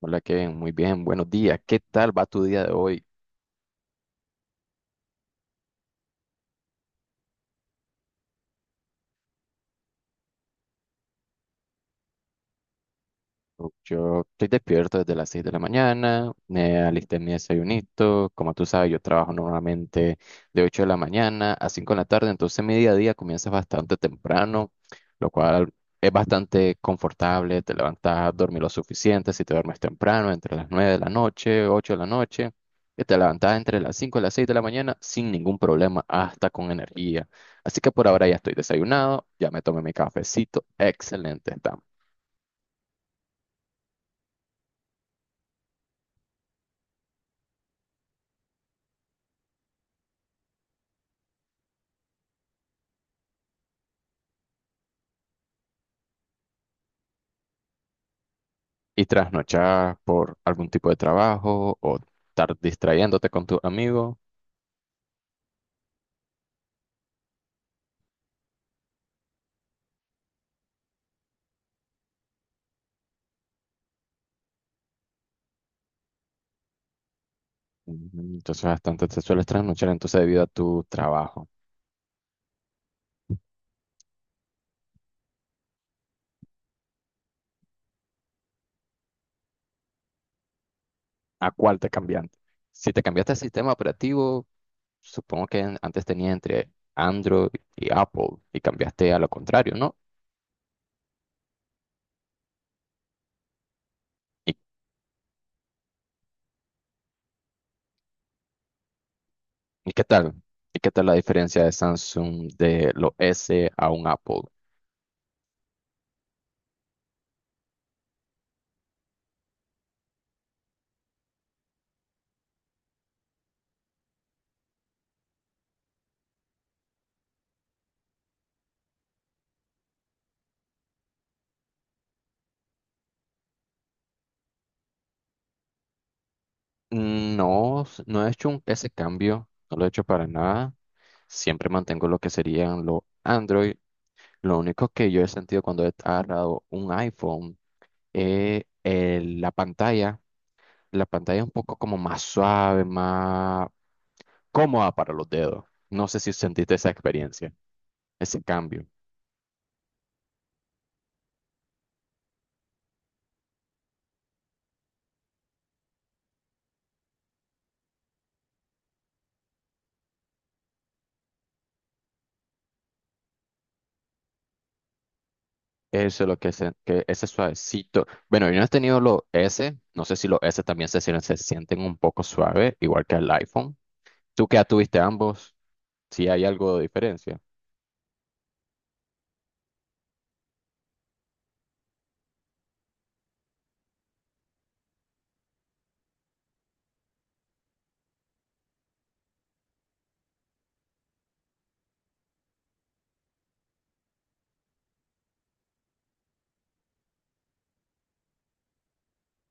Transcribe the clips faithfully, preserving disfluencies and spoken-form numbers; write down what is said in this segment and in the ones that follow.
Hola Kevin, muy bien, buenos días. ¿Qué tal va tu día de hoy? Yo estoy despierto desde las seis de la mañana, me alisté mi desayunito, como tú sabes, yo trabajo normalmente de ocho de la mañana a cinco de la tarde, entonces mi día a día comienza bastante temprano, lo cual es bastante confortable. Te levantas a dormir lo suficiente, si te duermes temprano, entre las nueve de la noche, ocho de la noche, y te levantas entre las cinco y las seis de la mañana sin ningún problema, hasta con energía. Así que por ahora ya estoy desayunado, ya me tomé mi cafecito, excelente, estamos. Y trasnochar por algún tipo de trabajo o estar distrayéndote con tus amigos. Ujú. Entonces bastante te sueles trasnochar entonces debido a tu trabajo. ¿A cuál te cambiaste? Si te cambiaste el sistema operativo, supongo que an- antes tenía entre Android y Apple, y cambiaste a lo contrario, ¿no? ¿Y, y qué tal? ¿Y qué tal la diferencia de Samsung de los S a un Apple? Mm, No, s- no he hecho un- ese cambio, no lo he hecho para nada. Siempre mantengo lo que serían los Android. Lo único que yo he sentido cuando he agarrado un iPhone es el- la pantalla. La pantalla es un poco como más suave, más cómoda para los dedos. No sé si sentiste esa experiencia, ese cambio. Eso es lo que, se- que ese suavecito. Bueno, yo no he tenido los S. No sé si los S también se, sien- se sienten un poco suaves, igual que el iPhone. Tú que ya tuviste ambos, si hay algo de diferencia.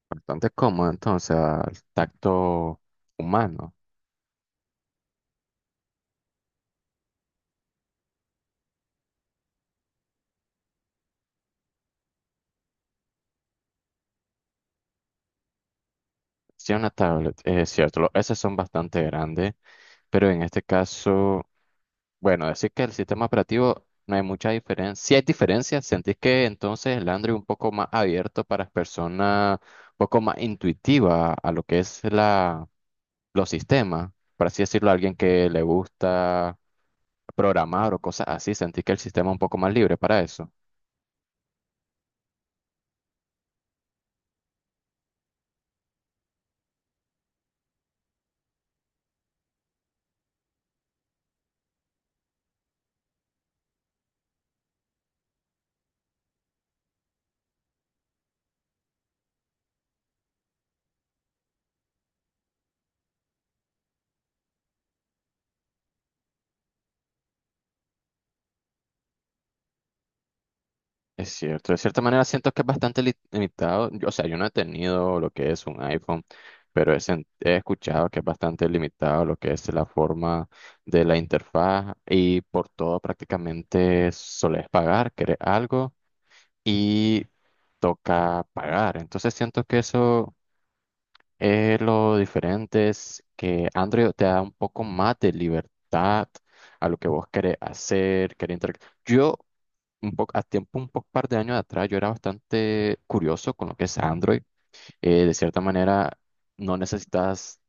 Bastante cómodo entonces al tacto humano. Sí, una tablet, es cierto. lo- Esas son bastante grandes, pero en este caso, bueno, decir que el sistema operativo no hay mucha diferencia. Sí hay diferencias. ¿Sentís que entonces el Android un poco más abierto para las personas, un poco más intuitiva a lo que es la, los sistemas? Por así decirlo, a alguien que le gusta programar o cosas así, ¿sentís que el sistema es un poco más libre para eso? Es cierto, de cierta manera siento que es bastante li- limitado. Yo- o sea, yo no he tenido lo que es un iPhone, pero he, sen- he escuchado que es bastante limitado lo que es la forma de la interfaz, y por todo prácticamente solés pagar, querés algo y toca pagar. Entonces siento que eso es lo diferente, es que Android te da un poco más de libertad a lo que vos querés hacer, querés interactuar un poco, a tiempo, un poco, par de años atrás, yo era bastante curioso con lo que es Android. Eh, de cierta manera, no necesitas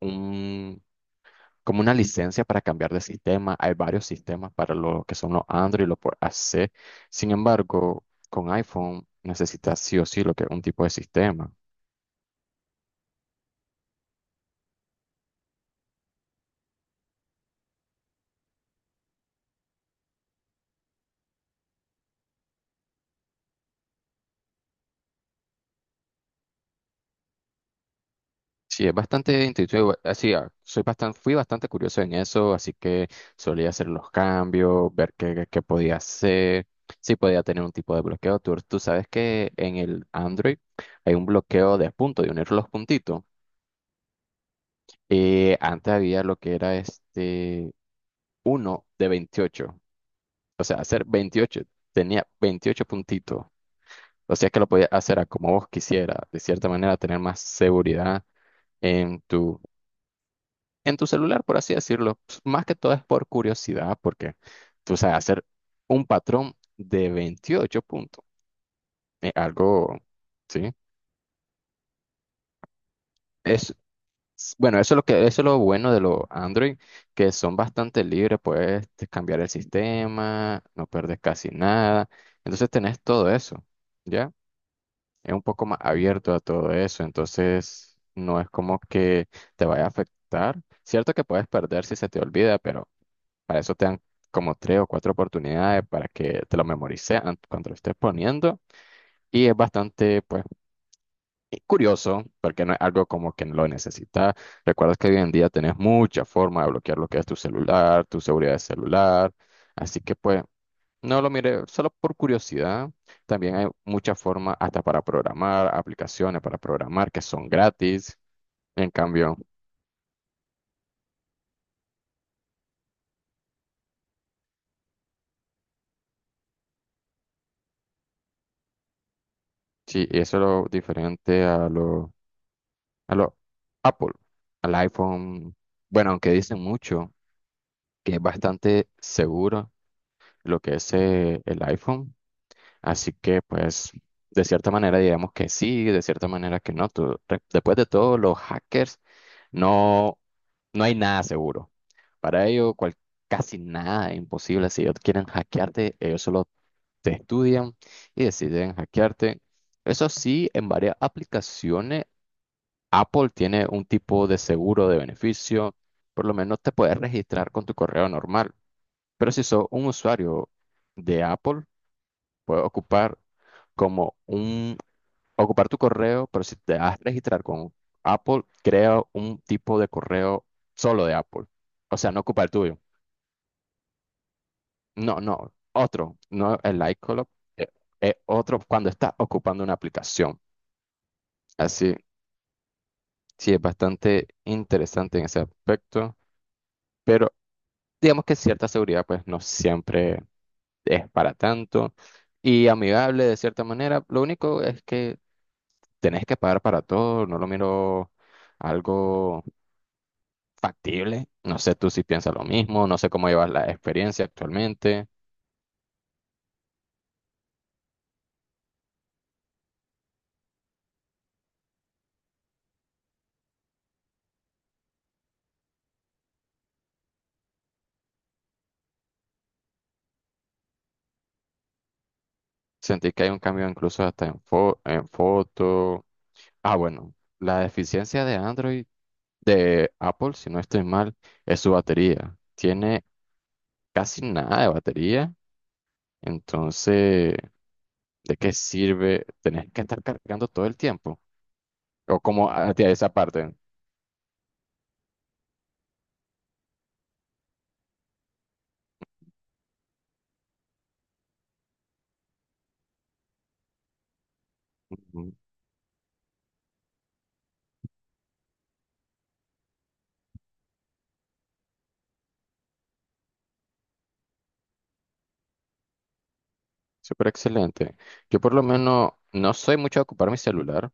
un, como una licencia para cambiar de sistema. Hay varios sistemas para lo que son los Android y los por A C. Sin embargo, con iPhone necesitas sí o sí lo que es un tipo de sistema. Sí, es bastante intuitivo. Así, ah, soy bastante, fui bastante curioso en eso, así que solía hacer los cambios, ver qué, qué- qué podía hacer, si podía tener un tipo de bloqueo. Tú, tú sabes que en el Android hay un bloqueo de puntos, de unir los puntitos. Eh, antes había lo que era este uno de veintiocho, o sea, hacer veintiocho, tenía veintiocho puntitos. O sea, que lo podía hacer a como vos quisieras, de cierta manera, tener más seguridad en tu en tu celular, por así decirlo. Pues, más que todo es por curiosidad, porque tú sabes hacer un patrón de veintiocho puntos. Es algo, ¿sí? Es, s- bueno, eso es lo que, eso es lo bueno de los Android, que son bastante libres, puedes te- cambiar el sistema, no perdes casi nada. Entonces tenés todo eso, ¿ya? Es un poco más abierto a todo eso, entonces no es como que te vaya a afectar. Cierto que puedes perder si se te olvida, pero para eso te dan como tres o cuatro oportunidades para que te lo memorices an- cuando lo estés poniendo. Y es bastante, pues, curioso, porque no es algo como que lo necesitas. Recuerda que hoy en día tenés mucha forma de bloquear lo que es tu celular, tu seguridad de celular. Así que, pues, no lo mire solo por curiosidad. También hay muchas formas hasta para programar, aplicaciones para programar que son gratis. En cambio, sí, y eso es lo diferente a lo a lo Apple, al iPhone. Bueno, aunque dicen mucho que es bastante seguro lo que es eh, el iPhone, así que pues de cierta manera digamos que sí, de cierta manera que no. Tú- re- después de todo, los hackers no, no hay nada seguro. Para ellos cual- casi nada es imposible. Si ellos quieren hackearte, ellos solo te estudian y deciden hackearte. Eso sí, en varias aplicaciones Apple tiene un tipo de seguro de beneficio, por lo menos te puedes registrar con tu correo normal, pero si sos un usuario de Apple, puedes ocupar como un, ocupar tu correo, pero si te vas a registrar con Apple, crea un tipo de correo solo de Apple, o sea, no ocupa el tuyo, no, no, otro, no el iCloud, eh, eh, otro cuando estás ocupando una aplicación, así, sí, es bastante interesante en ese aspecto. Pero digamos que cierta seguridad pues no siempre es para tanto y amigable de cierta manera. Lo único es que tenés que pagar para todo, no lo miro algo factible. No sé tú si piensas lo mismo, no sé cómo llevas la experiencia actualmente. Sentí que hay un cambio incluso hasta en, fo- en foto. Ah, bueno, la deficiencia de Android de Apple, si no estoy mal, es su batería. Tiene casi nada de batería. Entonces, ¿de qué sirve tener que estar cargando todo el tiempo? O como hacia esa parte. Ujú. Súper excelente. Yo por lo menos no soy mucho de ocupar mi celular.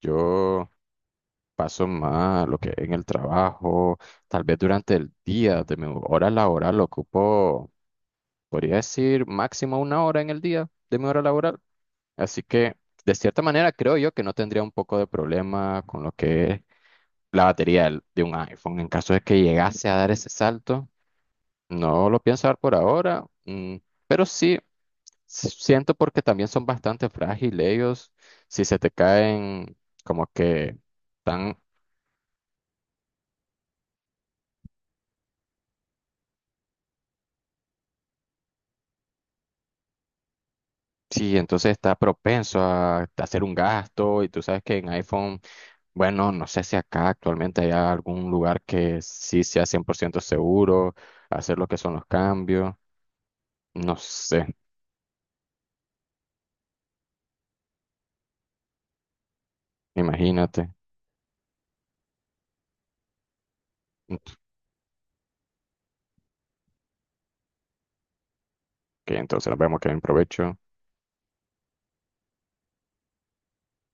Yo paso más lo que en el trabajo, tal vez durante el día, de mi hora laboral lo ocupo, podría decir máximo una hora en el día de mi hora laboral. Así que, de cierta manera, creo yo que no tendría un poco de problema con lo que es la batería del- de un iPhone. En caso de que llegase a dar ese salto, no lo pienso dar por ahora, mm, pero sí s- siento porque también son bastante frágiles ellos. Si se te caen, como que tan, sí, entonces está propenso a hacer un gasto y tú sabes que en iPhone, bueno, no sé si acá actualmente hay algún lugar que sí sea cien por ciento seguro, hacer lo que son los cambios, no sé, imagínate. Ent- Que entonces nos vemos que en provecho.